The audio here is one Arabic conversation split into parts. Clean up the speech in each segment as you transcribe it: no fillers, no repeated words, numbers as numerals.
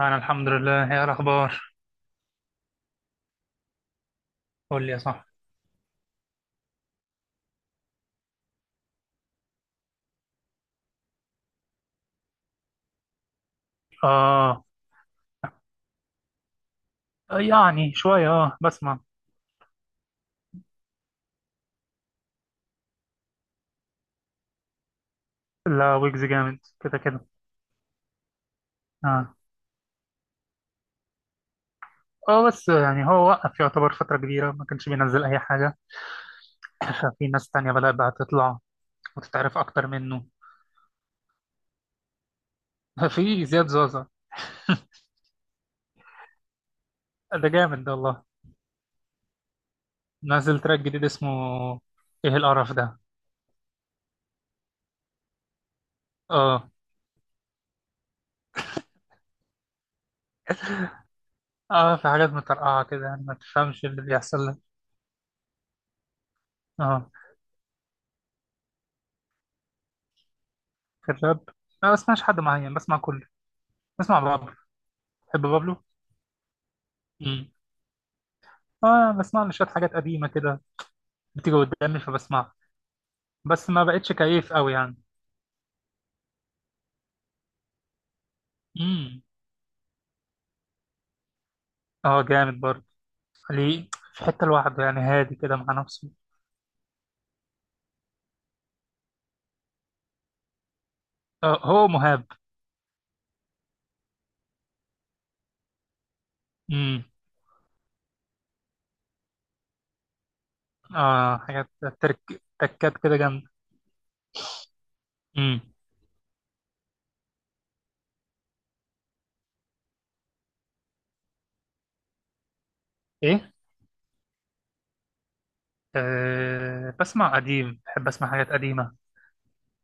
أنا الحمد لله، هي الأخبار. قول لي يا صاحبي. آه. يعني شوية بسمع. لا، ويجز جامد كده كده. آه. آه، بس يعني هو وقف يعتبر فترة كبيرة، ما كانش بينزل أي حاجة. كان في ناس تانية بدأت بقى تطلع وتتعرف أكتر منه. في زياد زوزة. ده جامد ده والله. نازل تراك جديد اسمه. إيه القرف ده؟ آه. آه، في حاجات مترقعة كده، يعني ما تفهمش اللي بيحصل لك. آه. في الراب. ما بسمعش حد معين، بسمع كله. بسمع بابلو. تحب بابلو؟ مم. اه، بسمع له شوية حاجات قديمة كده، بتيجي قدامي فبسمعها. بس ما بقتش كيف قوي يعني. امم. اه جامد برضه. ليه؟ في حتة لوحده يعني، هادي كده مع نفسه. آه هو مهاب. امم. اه حاجات. ترك. تكات كده جامدة. امم. ايه. آه بسمع قديم، بحب اسمع حاجات قديمة.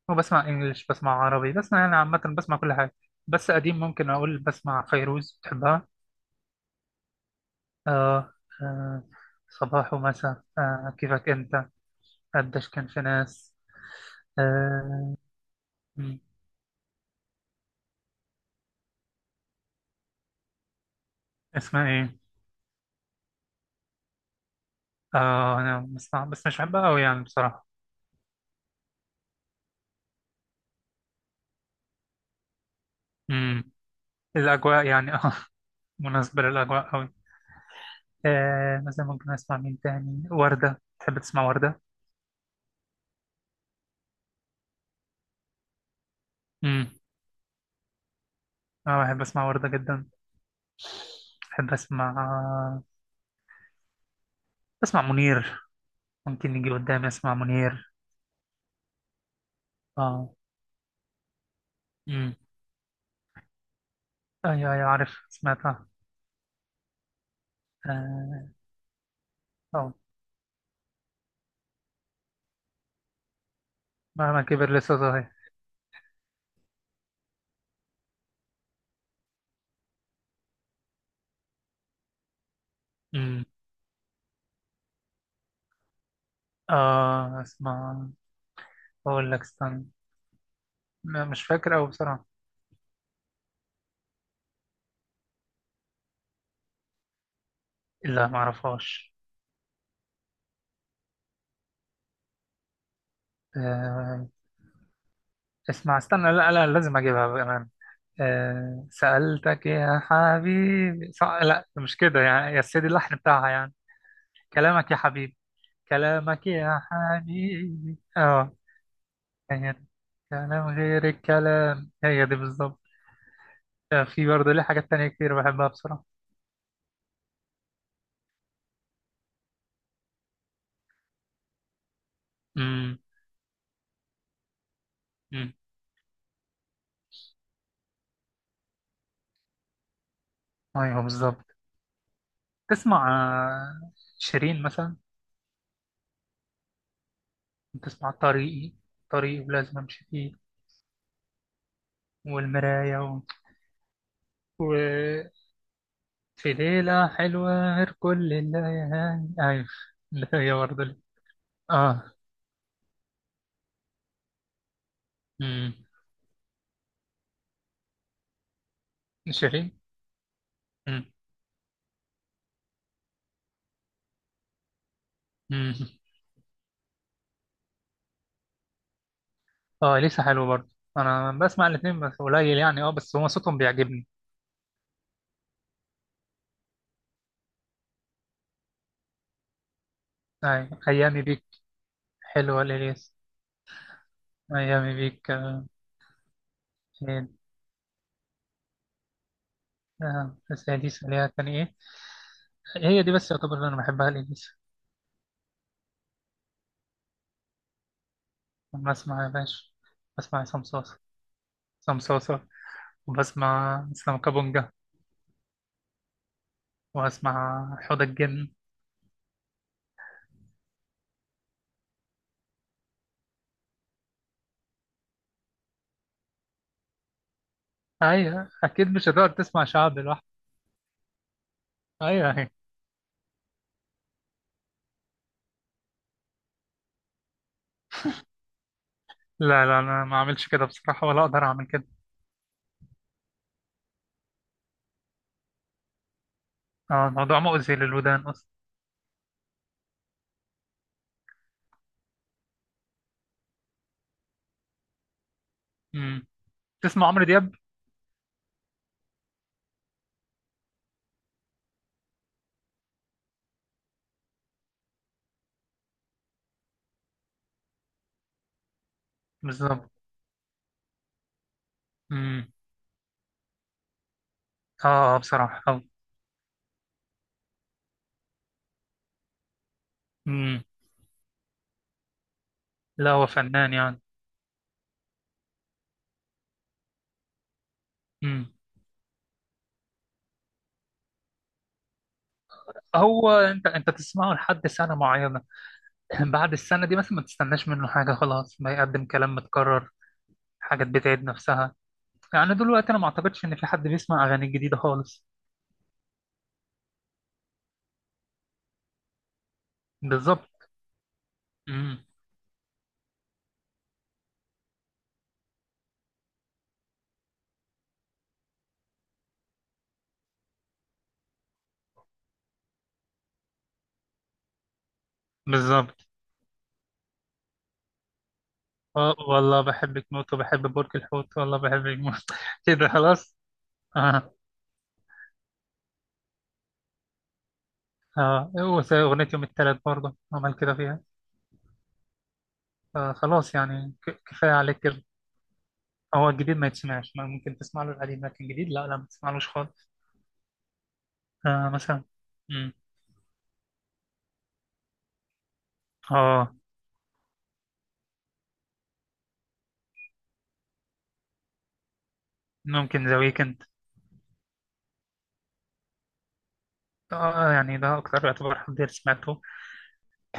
وبسمع انجلش، بسمع عربي، بسمع يعني عامة، بسمع كل حاجة. بس قديم، ممكن اقول بسمع فيروز. بتحبها؟ اه. آه. صباح ومساء، كيفك انت. قديش كان في ناس. آه. م. اسمها ايه؟ اه، انا بسمع بس مش بحبها قوي يعني بصراحة. امم. الاجواء يعني مناسبة للاجواء قوي. آه مثلا، ممكن اسمع مين تاني، وردة. تحب تسمع وردة؟ امم. اه بحب اسمع وردة جدا. بحب اسمع منير. ممكن يجي قدامي، اسمع منير. اه. امم. ايوه ايوه، عارف سمعتها. اه. أو. مهما كبر لسه صغير. امم. اه. اسمع. اقول لك استنى. مش فاكر أوي بصراحة. لا، معرفهاش. آه، اسمع استنى، لا لا لازم أجيبها كمان. آه، سألتك يا حبيبي صح، لا مش كده يعني، يا سيدي اللحن بتاعها يعني. كلامك يا حبيبي. كلامك يا حبيبي اه. هي دي. كلام غير الكلام، هي دي بالظبط. آه، في برضه ليه حاجات تانية كتير بحبها بصراحة. امم. أمم. ايوه بالظبط. تسمع شيرين مثلا؟ تسمع طريقي؟ طريقي ولازم امشي فيه. والمراية وفي ليلة حلوة غير كل الليالي، أيوة. اللي هي برضه. آه. أمم. شيرين. أمم. أمم. آه لسه حلو برضه. أنا بسمع الاتنين بس قليل يعني، بس هو صوتهم بيعجبني. أيوة، أيامي بيك. حلوة لإليس. أيامي بيك إيه، بس هي دي سريعة كان إيه؟ هي دي بس يعتبر اللي أنا بحبها لإليس. بسمع يا باشا، بسمع عصام صاصا. عصام صاصا، وبسمع إسلام كابونجا. واسمع حوض الجن. ايوه اكيد، مش هتقدر تسمع شعب لوحدك. ايوه ايوه. لا لا، انا ما اعملش كده بصراحه، ولا اقدر اعمل كده. اه، الموضوع مؤذي للودان اصلا. امم. تسمع عمرو دياب؟ بالظبط. امم. اه. آه، بصراحه امم. لا، هو فنان يعني. امم. هو انت تسمعه لحد سنه معينه. بعد السنه دي مثلا ما تستناش منه حاجه، خلاص ما يقدم كلام متكرر. حاجات بتعيد نفسها. يعني دلوقتي انا ما اعتقدش ان في حد بيسمع اغاني جديده خالص. بالظبط. امم. بالظبط. آه، والله بحبك موت، وبحب برج الحوت، والله بحبك موت. كده خلاص. اه. اه. أغنية يوم التلات برضه عمل كده فيها. آه خلاص يعني، كفاية عليك كده. هو الجديد ما يتسمعش، ما ممكن تسمع له القديم، لكن الجديد لا لا ما تسمعلوش خالص. آه مثلا. مم. اه، ممكن ذا ويكند. اه يعني ده أكتر يعتبر حد سمعته.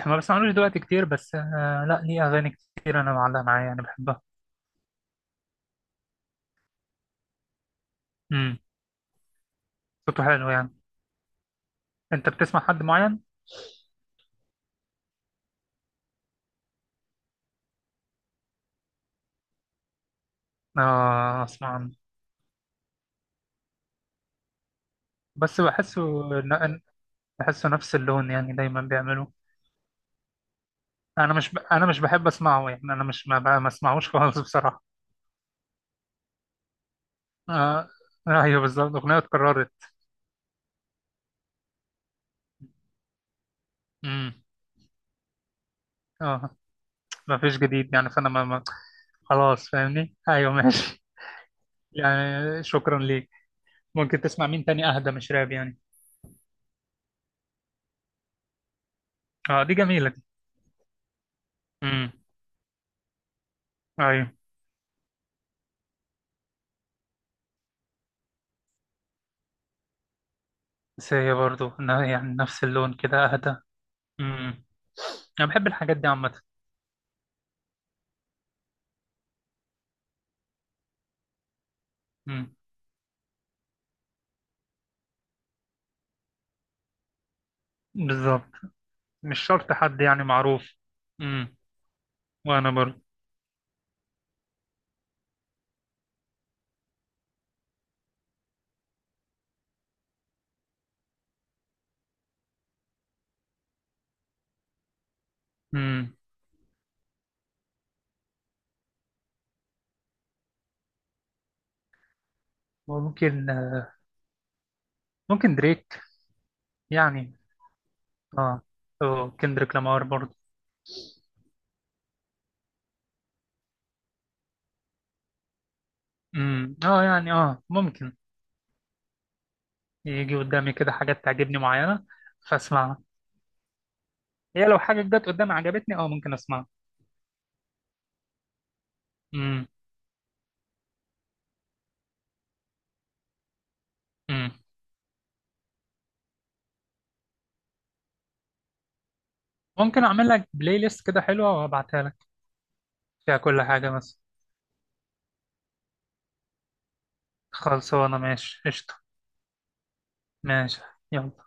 ما بسمعلوش دلوقتي كتير، بس لا ليه أغاني كتير أنا معلقة معايا يعني بحبها. مم. صوته حلو يعني. أنت بتسمع حد معين؟ اه اسمع. بس بحسه، ن- بحسه نفس اللون، يعني دايما بيعملوه. انا مش بحب اسمعه يعني، انا مش ما, ب... ما اسمعوش خالص. بصراحة. آه. ايوه بالظبط، اغنية اتكررت. امم. اه. ما فيش جديد يعني، فانا ما... ما... خلاص فاهمني، ايوه ماشي. يعني شكرا ليك. ممكن تسمع مين تاني اهدى؟ مش راب يعني. اه دي جميلة دي. امم. ايوه. بس هي برضه يعني نفس اللون كده، اهدى. امم. انا بحب الحاجات دي عامة. امم. بالظبط. مش شرط حد يعني معروف. امم. وانا برضه. امم. ممكن ممكن دريك يعني. اه. او كندريك لامار برضه. امم. اه يعني ممكن. يجي قدامي كده حاجات تعجبني معينة، فاسمعها. هي لو حاجة جت قدامي عجبتني، اه ممكن اسمعها. امم. امم. ممكن اعمل لك بلاي ليست كده حلوة وابعتها لك، فيها كل حاجة بس. خلصانة، ماشي، قشطة. ماشي. يلا.